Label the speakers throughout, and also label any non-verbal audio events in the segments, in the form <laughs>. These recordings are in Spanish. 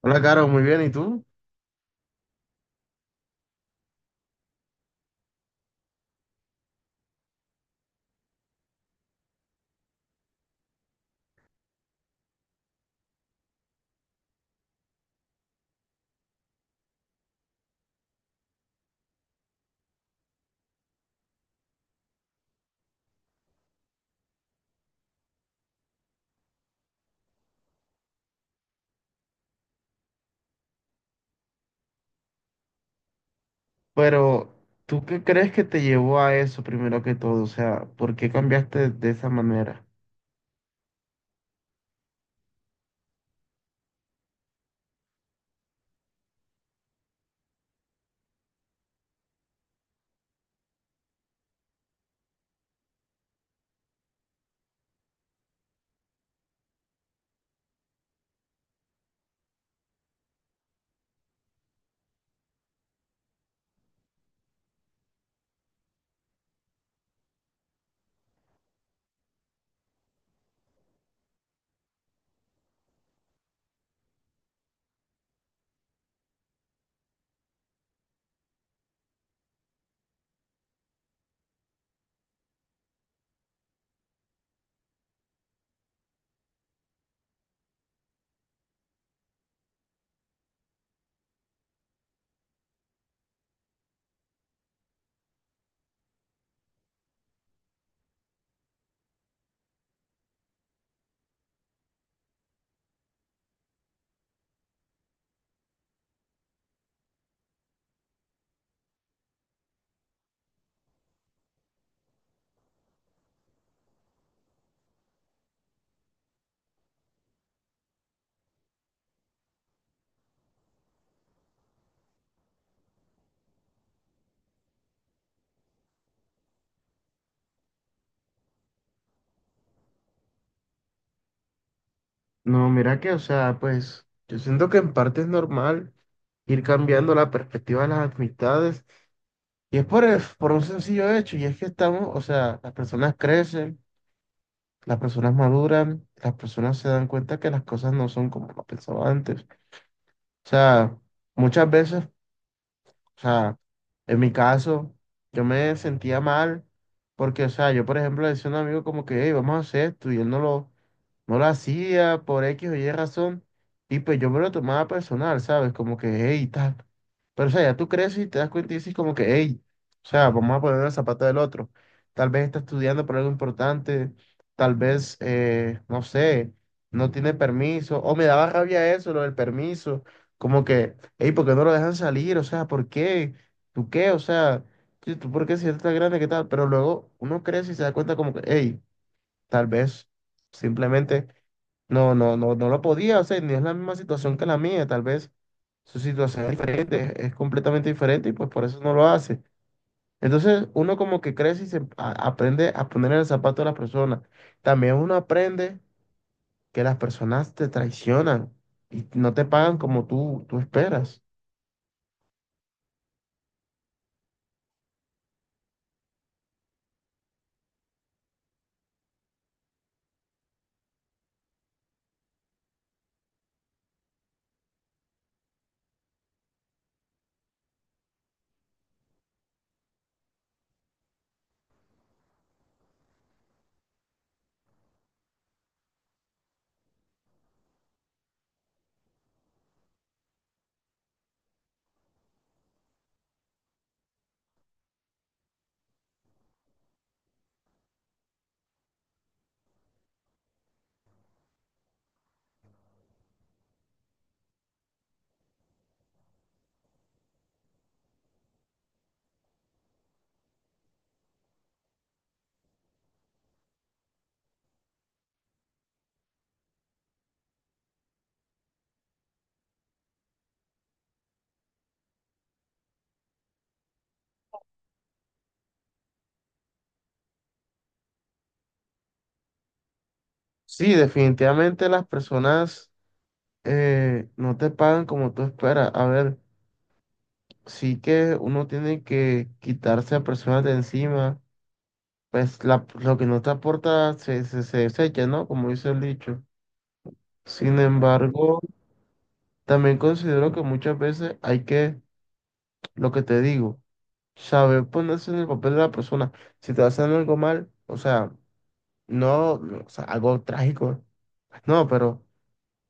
Speaker 1: Hola, Caro, muy bien, ¿y tú? Pero, ¿tú qué crees que te llevó a eso primero que todo? O sea, ¿por qué cambiaste de esa manera? No, mira que, o sea, pues yo siento que en parte es normal ir cambiando la perspectiva de las amistades y es por, por un sencillo hecho y es que estamos, o sea, las personas crecen, las personas maduran, las personas se dan cuenta que las cosas no son como lo pensaba antes. O sea, muchas veces, o sea, en mi caso, yo me sentía mal porque, o sea, yo, por ejemplo, le decía a un amigo como que, hey, vamos a hacer esto, y él no lo, no lo hacía por X o Y razón, y pues yo me lo tomaba personal, ¿sabes? Como que, hey, tal. Pero, o sea, ya tú creces y te das cuenta y dices como que, hey, o sea, vamos a poner el zapato del otro. Tal vez está estudiando por algo importante, tal vez, no sé, no tiene permiso, o me daba rabia eso, lo del permiso como que, hey, ¿por qué no lo dejan salir? O sea, ¿por qué? ¿Tú qué? O sea, ¿tú por qué si eres tan grande, qué tal? Pero luego uno crece y se da cuenta como que, hey, tal vez simplemente no lo podía hacer, ni es la misma situación que la mía, tal vez su situación es diferente, es completamente diferente y pues por eso no lo hace. Entonces uno como que crece y aprende a poner en el zapato de las personas. También uno aprende que las personas te traicionan y no te pagan como tú esperas. Sí, definitivamente las personas, no te pagan como tú esperas. A ver, sí que uno tiene que quitarse a personas de encima, pues lo que no te aporta se desecha, ¿no? Como dice el dicho. Sin embargo, también considero que muchas veces hay que, lo que te digo, saber ponerse en el papel de la persona. Si te hacen algo mal, o sea, no, o sea, algo trágico, no, pero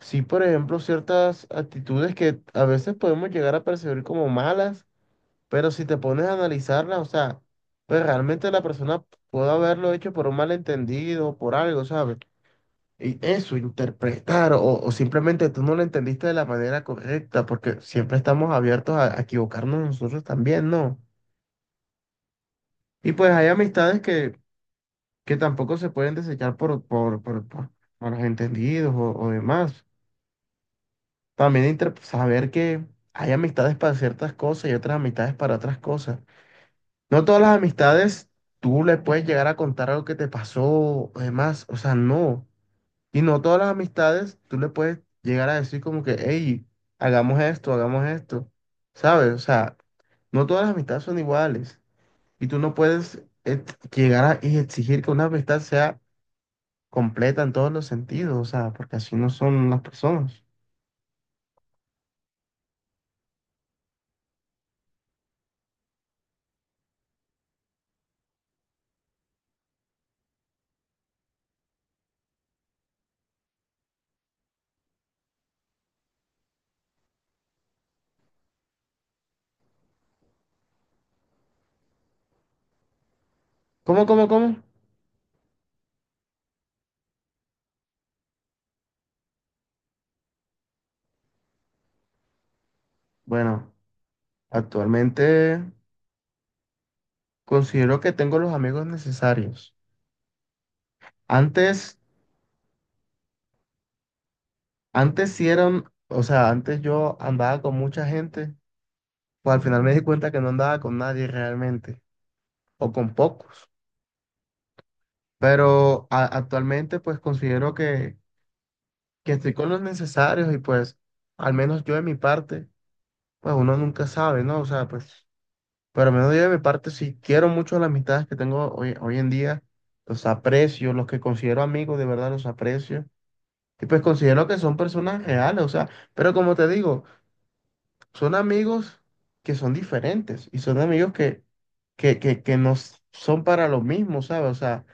Speaker 1: sí, por ejemplo, ciertas actitudes que a veces podemos llegar a percibir como malas, pero si te pones a analizarlas, o sea, pues realmente la persona puede haberlo hecho por un malentendido, por algo, ¿sabes? Y eso, interpretar, o simplemente tú no lo entendiste de la manera correcta, porque siempre estamos abiertos a equivocarnos nosotros también, ¿no? Y pues hay amistades que tampoco se pueden desechar por los entendidos o demás. También saber que hay amistades para ciertas cosas y otras amistades para otras cosas. No todas las amistades tú le puedes llegar a contar algo que te pasó o demás, o sea, no. Y no todas las amistades tú le puedes llegar a decir como que, hey, hagamos esto, ¿sabes? O sea, no todas las amistades son iguales y tú no puedes llegar a y exigir que una amistad sea completa en todos los sentidos, o sea, porque así no son las personas. ¿Cómo, cómo, cómo? Bueno, actualmente considero que tengo los amigos necesarios. Antes, antes sí eran, o sea, antes yo andaba con mucha gente, pues al final me di cuenta que no andaba con nadie realmente, o con pocos. Pero actualmente pues considero que estoy con los necesarios y pues al menos yo de mi parte, pues uno nunca sabe, ¿no? O sea, pues, pero al menos yo de mi parte sí quiero mucho las amistades que tengo hoy, hoy en día, los aprecio, los que considero amigos de verdad los aprecio. Y pues considero que son personas reales, o sea, pero como te digo, son amigos que son diferentes y son amigos que no son para lo mismo, ¿sabes? O sea,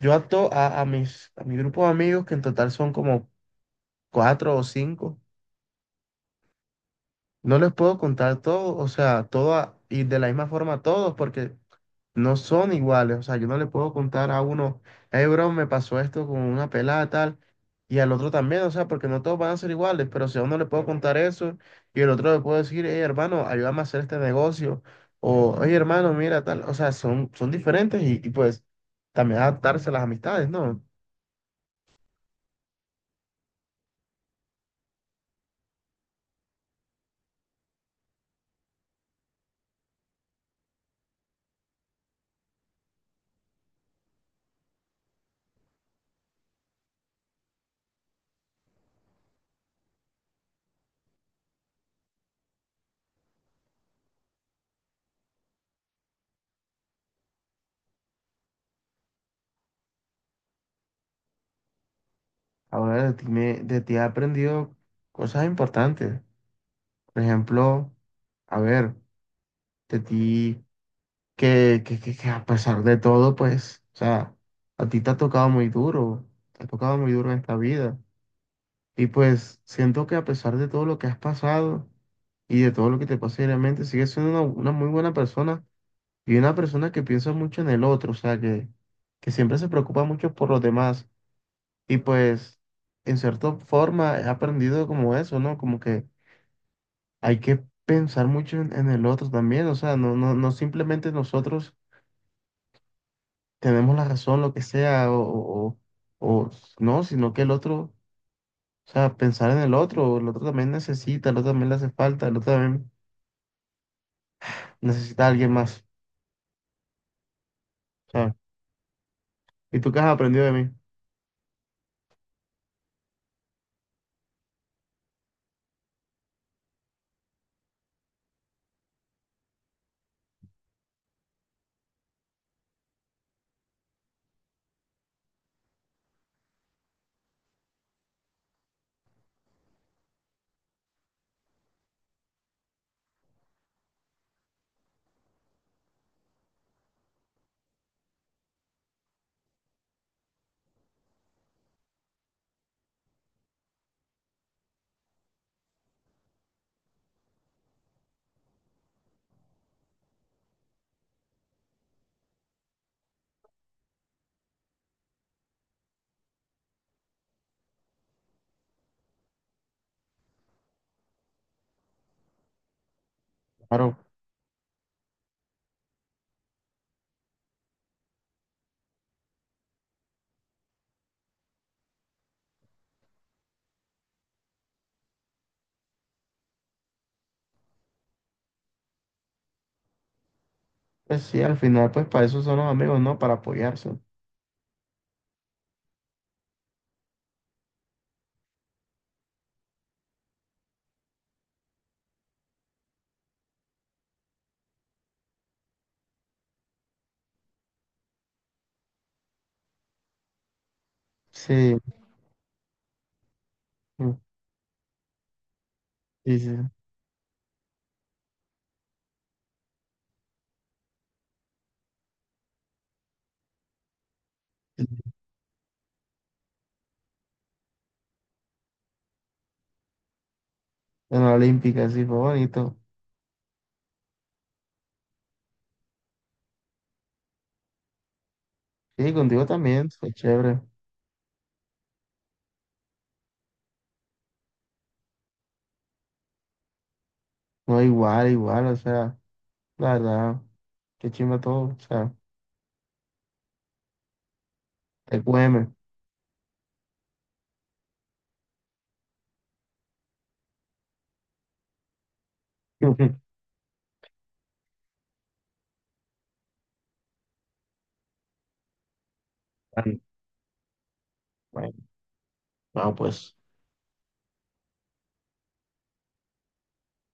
Speaker 1: yo a mis, a mi grupo de amigos, que en total son como cuatro o cinco, no les puedo contar todo, o sea, todo y de la misma forma a todos, porque no son iguales. O sea, yo no le puedo contar a uno, hey, bro, me pasó esto con una pelada tal, y al otro también, o sea, porque no todos van a ser iguales, pero si a uno le puedo contar eso, y el otro le puedo decir, hey, hermano, ayúdame a hacer este negocio, o oye, hermano, mira tal, o sea, son diferentes pues también adaptarse a las amistades, ¿no? Ahora de ti, de ti he aprendido cosas importantes. Por ejemplo, a ver, de ti, que a pesar de todo, pues, o sea, a ti te ha tocado muy duro, te ha tocado muy duro en esta vida. Y pues siento que a pesar de todo lo que has pasado y de todo lo que te pasa diariamente, sigues siendo una muy buena persona y una persona que piensa mucho en el otro, o sea, que siempre se preocupa mucho por los demás. Y pues, en cierta forma, he aprendido como eso, ¿no? Como que hay que pensar mucho en el otro también, o sea, no simplemente nosotros tenemos la razón, lo que sea, o- no, sino que el otro, o sea, pensar en el otro también necesita, el otro también le hace falta, el otro también necesita a alguien más, ¿sabes? ¿Y tú qué has aprendido de mí? Claro, pues sí, al final, pues para eso son los amigos, ¿no? Para apoyarse. Sí, mm, sí, sí. Sí. En la Olímpica, sí, fue bonito. Sí, contigo también, fue chévere. No, igual, igual, o sea, la verdad, qué chimba todo, o sea, te cueme. <laughs> Bueno, bueno, no, pues.